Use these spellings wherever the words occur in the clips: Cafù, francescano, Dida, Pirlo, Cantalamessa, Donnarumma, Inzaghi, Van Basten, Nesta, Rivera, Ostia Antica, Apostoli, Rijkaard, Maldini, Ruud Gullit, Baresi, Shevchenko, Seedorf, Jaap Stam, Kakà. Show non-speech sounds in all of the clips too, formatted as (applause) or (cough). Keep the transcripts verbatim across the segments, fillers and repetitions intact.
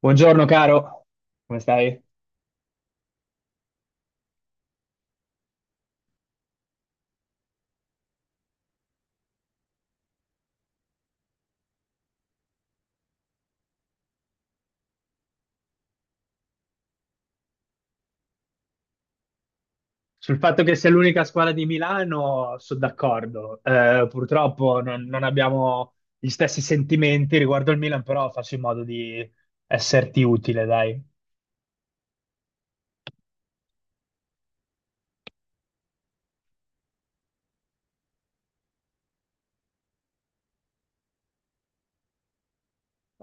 Buongiorno caro, come stai? Sul fatto che sia l'unica squadra di Milano sono d'accordo. Eh, purtroppo non, non abbiamo gli stessi sentimenti riguardo il Milan, però faccio in modo di esserti utile, dai.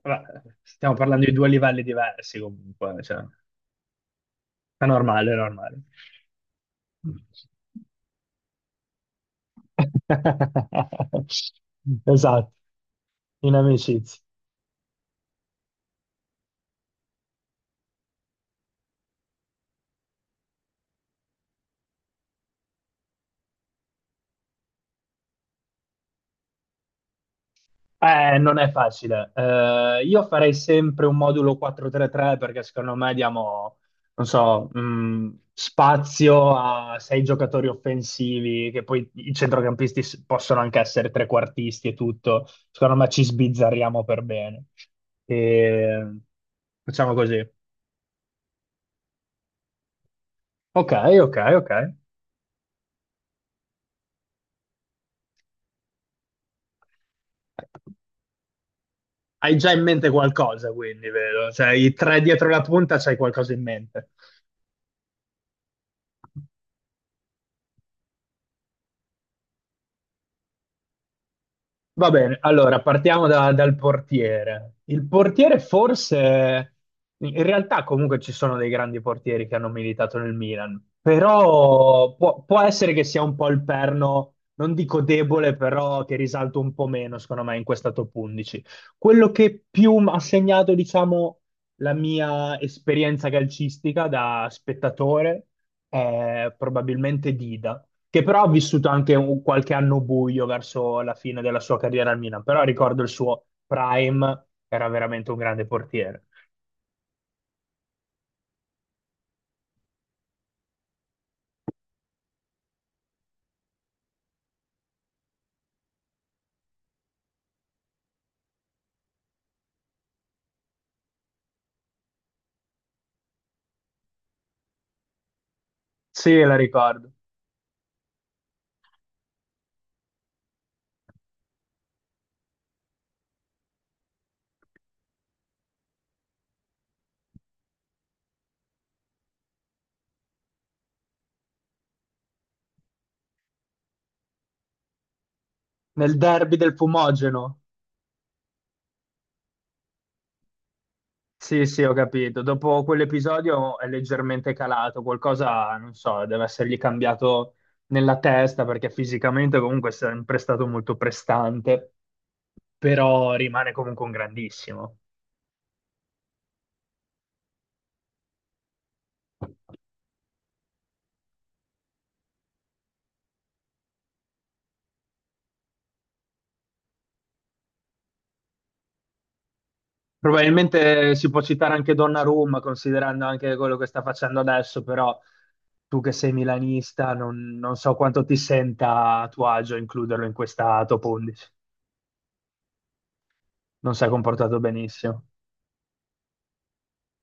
Vabbè, stiamo parlando di due livelli diversi comunque, cioè, è normale, è normale. (laughs) Esatto, in amicizia. Eh, non è facile. Eh, io farei sempre un modulo quattro tre tre-quattro tre tre perché secondo me diamo, non so, mh, spazio a sei giocatori offensivi, che poi i centrocampisti s- possono anche essere trequartisti e tutto. Secondo me ci sbizzarriamo per bene. E... Facciamo così. Ok, ok, ok. Hai già in mente qualcosa, quindi, vedo. Cioè, i tre dietro la punta, c'hai qualcosa in mente. Va bene, allora partiamo da- dal portiere. Il portiere forse, in realtà comunque ci sono dei grandi portieri che hanno militato nel Milan, però può, può essere che sia un po' il perno, non dico debole, però che risalta un po' meno, secondo me, in questa top undici. Quello che più m- ha segnato, diciamo, la mia esperienza calcistica da spettatore è probabilmente Dida, che però ha vissuto anche un- qualche anno buio verso la fine della sua carriera al Milan, però ricordo il suo prime, era veramente un grande portiere. Sì, la ricordo. Nel derby del Fumogeno. Sì, sì, ho capito. Dopo quell'episodio è leggermente calato, qualcosa, non so, deve essergli cambiato nella testa perché fisicamente comunque è sempre stato molto prestante, però rimane comunque un grandissimo. Probabilmente si può citare anche Donnarumma, considerando anche quello che sta facendo adesso, però tu che sei milanista non, non so quanto ti senta a tuo agio includerlo in questa top undici. Non si è comportato benissimo.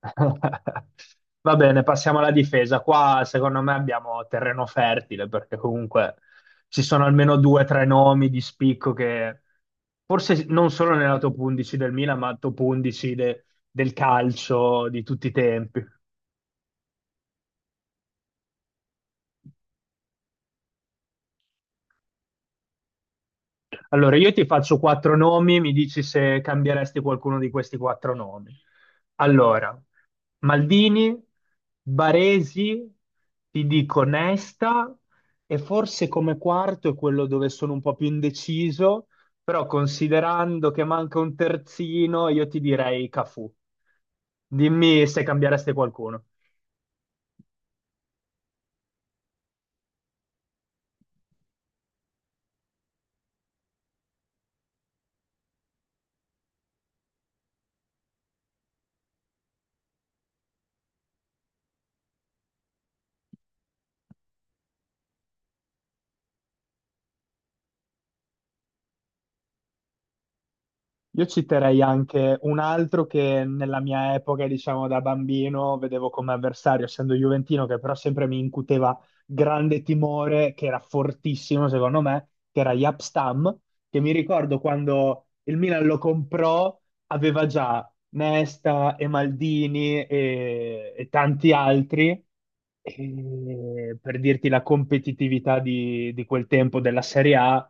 (laughs) Va bene, passiamo alla difesa. Qua secondo me abbiamo terreno fertile perché comunque ci sono almeno due o tre nomi di spicco che forse non solo nella top undici del Milan, ma top undici de- del calcio di tutti i tempi. Allora, io ti faccio quattro nomi, mi dici se cambieresti qualcuno di questi quattro nomi. Allora, Maldini, Baresi, ti dico Nesta e forse come quarto è quello dove sono un po' più indeciso, però considerando che manca un terzino, io ti direi Cafù. Dimmi se cambieresti qualcuno. Io citerei anche un altro che nella mia epoca, diciamo da bambino, vedevo come avversario, essendo Juventino, che però sempre mi incuteva grande timore, che era fortissimo secondo me, che era Jaap Stam, che mi ricordo quando il Milan lo comprò, aveva già Nesta e Maldini e, e tanti altri. E per dirti la competitività di, di quel tempo della Serie A,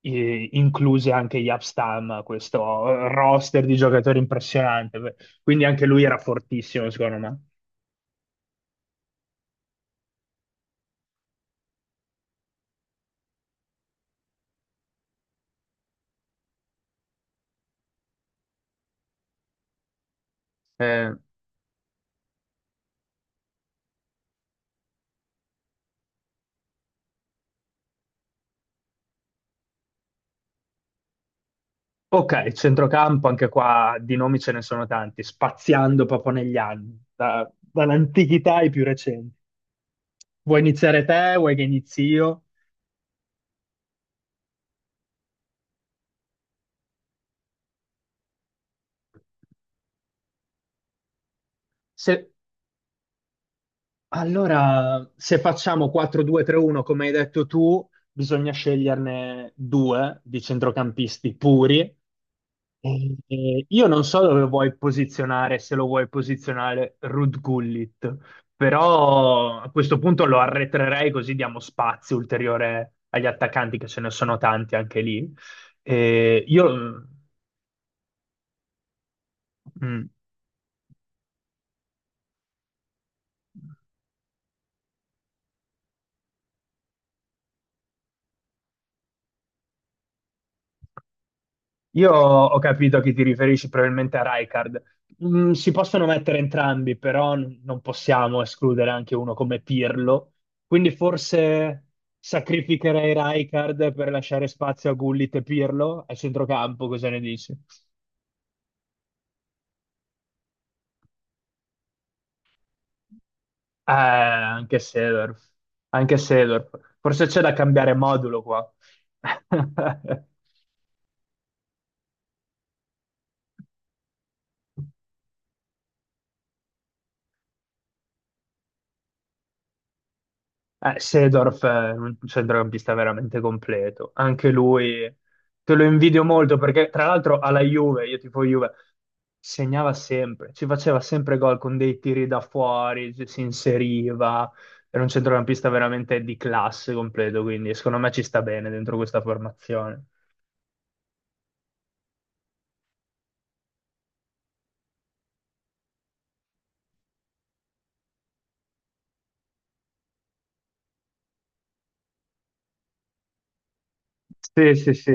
eh, incluse anche Yapstam, questo roster di giocatori impressionante. Quindi anche lui era fortissimo, secondo me. Eh, ok, centrocampo, anche qua di nomi ce ne sono tanti, spaziando proprio negli anni, da- dall'antichità ai più recenti. Vuoi iniziare te? Vuoi che inizi io? Se- allora, se facciamo quattro due tre uno-quattro due tre uno, come hai detto tu, bisogna sceglierne due di centrocampisti puri. Eh, io non so dove vuoi posizionare, se lo vuoi posizionare Ruud Gullit, però a questo punto lo arretrerei così diamo spazio ulteriore agli attaccanti, che ce ne sono tanti anche lì. Eh, io, mm, Io ho capito che ti riferisci probabilmente a Rijkaard. Mm, si possono mettere entrambi, però n- non possiamo escludere anche uno come Pirlo. Quindi forse sacrificherei Rijkaard per lasciare spazio a Gullit e Pirlo al centrocampo, cosa ne dici? Eh, anche Seedorf. Anche Seedorf. Forse c'è da cambiare modulo qua. (laughs) Eh, Seedorf eh, è un centrocampista veramente completo, anche lui, te lo invidio molto perché tra l'altro alla Juve, io tifo Juve, segnava sempre, ci faceva sempre gol con dei tiri da fuori, ci- si inseriva, era un centrocampista veramente di classe completo, quindi secondo me ci sta bene dentro questa formazione. Sì, sì, sì.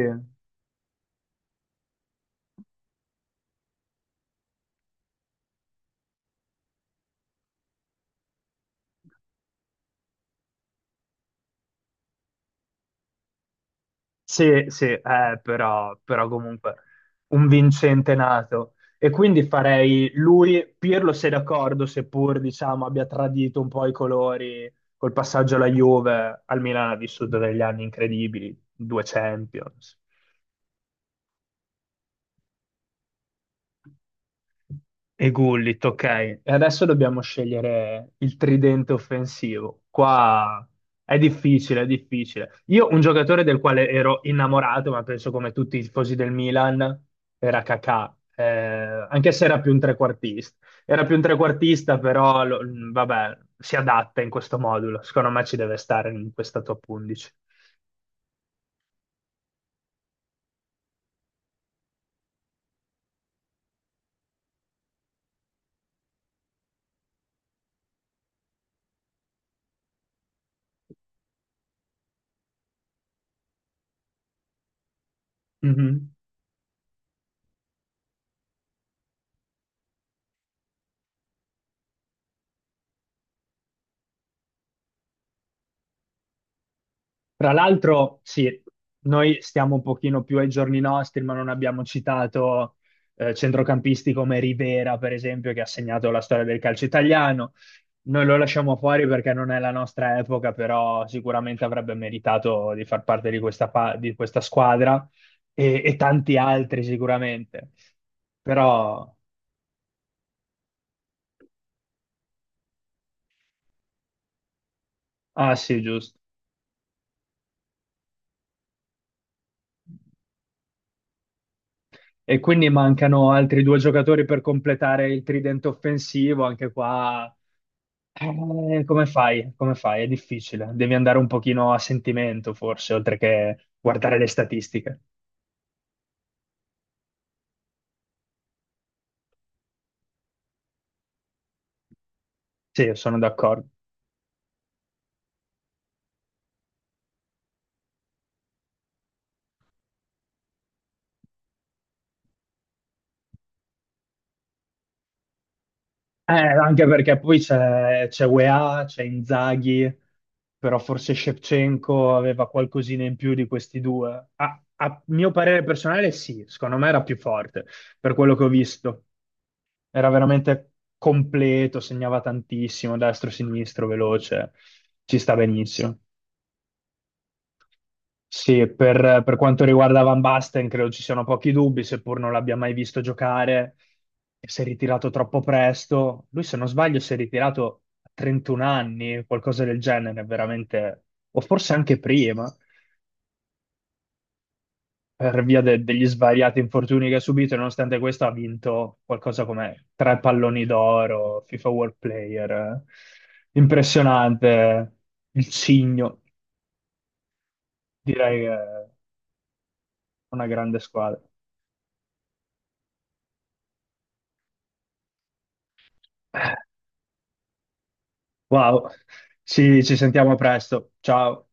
Sì, sì, eh, però, però comunque un vincente nato. E quindi farei lui, Pirlo sei d'accordo, seppur diciamo abbia tradito un po' i colori col passaggio alla Juve, al Milan ha vissuto degli anni incredibili, due Champions. E Gullit, ok. E adesso dobbiamo scegliere il tridente offensivo. Qua è difficile, è difficile. Io un giocatore del quale ero innamorato, ma penso come tutti i tifosi del Milan, era Kakà. Eh, anche se era più un trequartista. Era più un trequartista, però lo- mh, vabbè, si adatta in questo modulo. Secondo me ci deve stare in questa top undici. Tra l'altro, sì, noi stiamo un pochino più ai giorni nostri, ma non abbiamo citato eh, centrocampisti come Rivera, per esempio, che ha segnato la storia del calcio italiano. Noi lo lasciamo fuori perché non è la nostra epoca, però sicuramente avrebbe meritato di far parte di questa, pa- di questa squadra e, e tanti altri sicuramente. Però, ah sì, giusto. E quindi mancano altri due giocatori per completare il tridente offensivo, anche qua. Eh, come fai? Come fai? È difficile. Devi andare un pochino a sentimento, forse, oltre che guardare le statistiche. Sì, sono d'accordo. Eh, anche perché poi c'è c'è U E A, c'è Inzaghi, però forse Shevchenko aveva qualcosina in più di questi due. A, a mio parere personale, sì, secondo me era più forte, per quello che ho visto. Era veramente completo, segnava tantissimo, destro, sinistro, veloce. Ci sta benissimo. Sì, per, per quanto riguarda Van Basten, credo ci siano pochi dubbi, seppur non l'abbia mai visto giocare, e si è ritirato troppo presto. Lui, se non sbaglio, si è ritirato a trentuno anni, qualcosa del genere, veramente, o forse anche prima, per via de- degli svariati infortuni che ha subito, e nonostante questo ha vinto qualcosa come tre palloni d'oro, FIFA World Player. Impressionante, il cigno, direi che è una grande squadra. Wow, ci ci sentiamo presto. Ciao.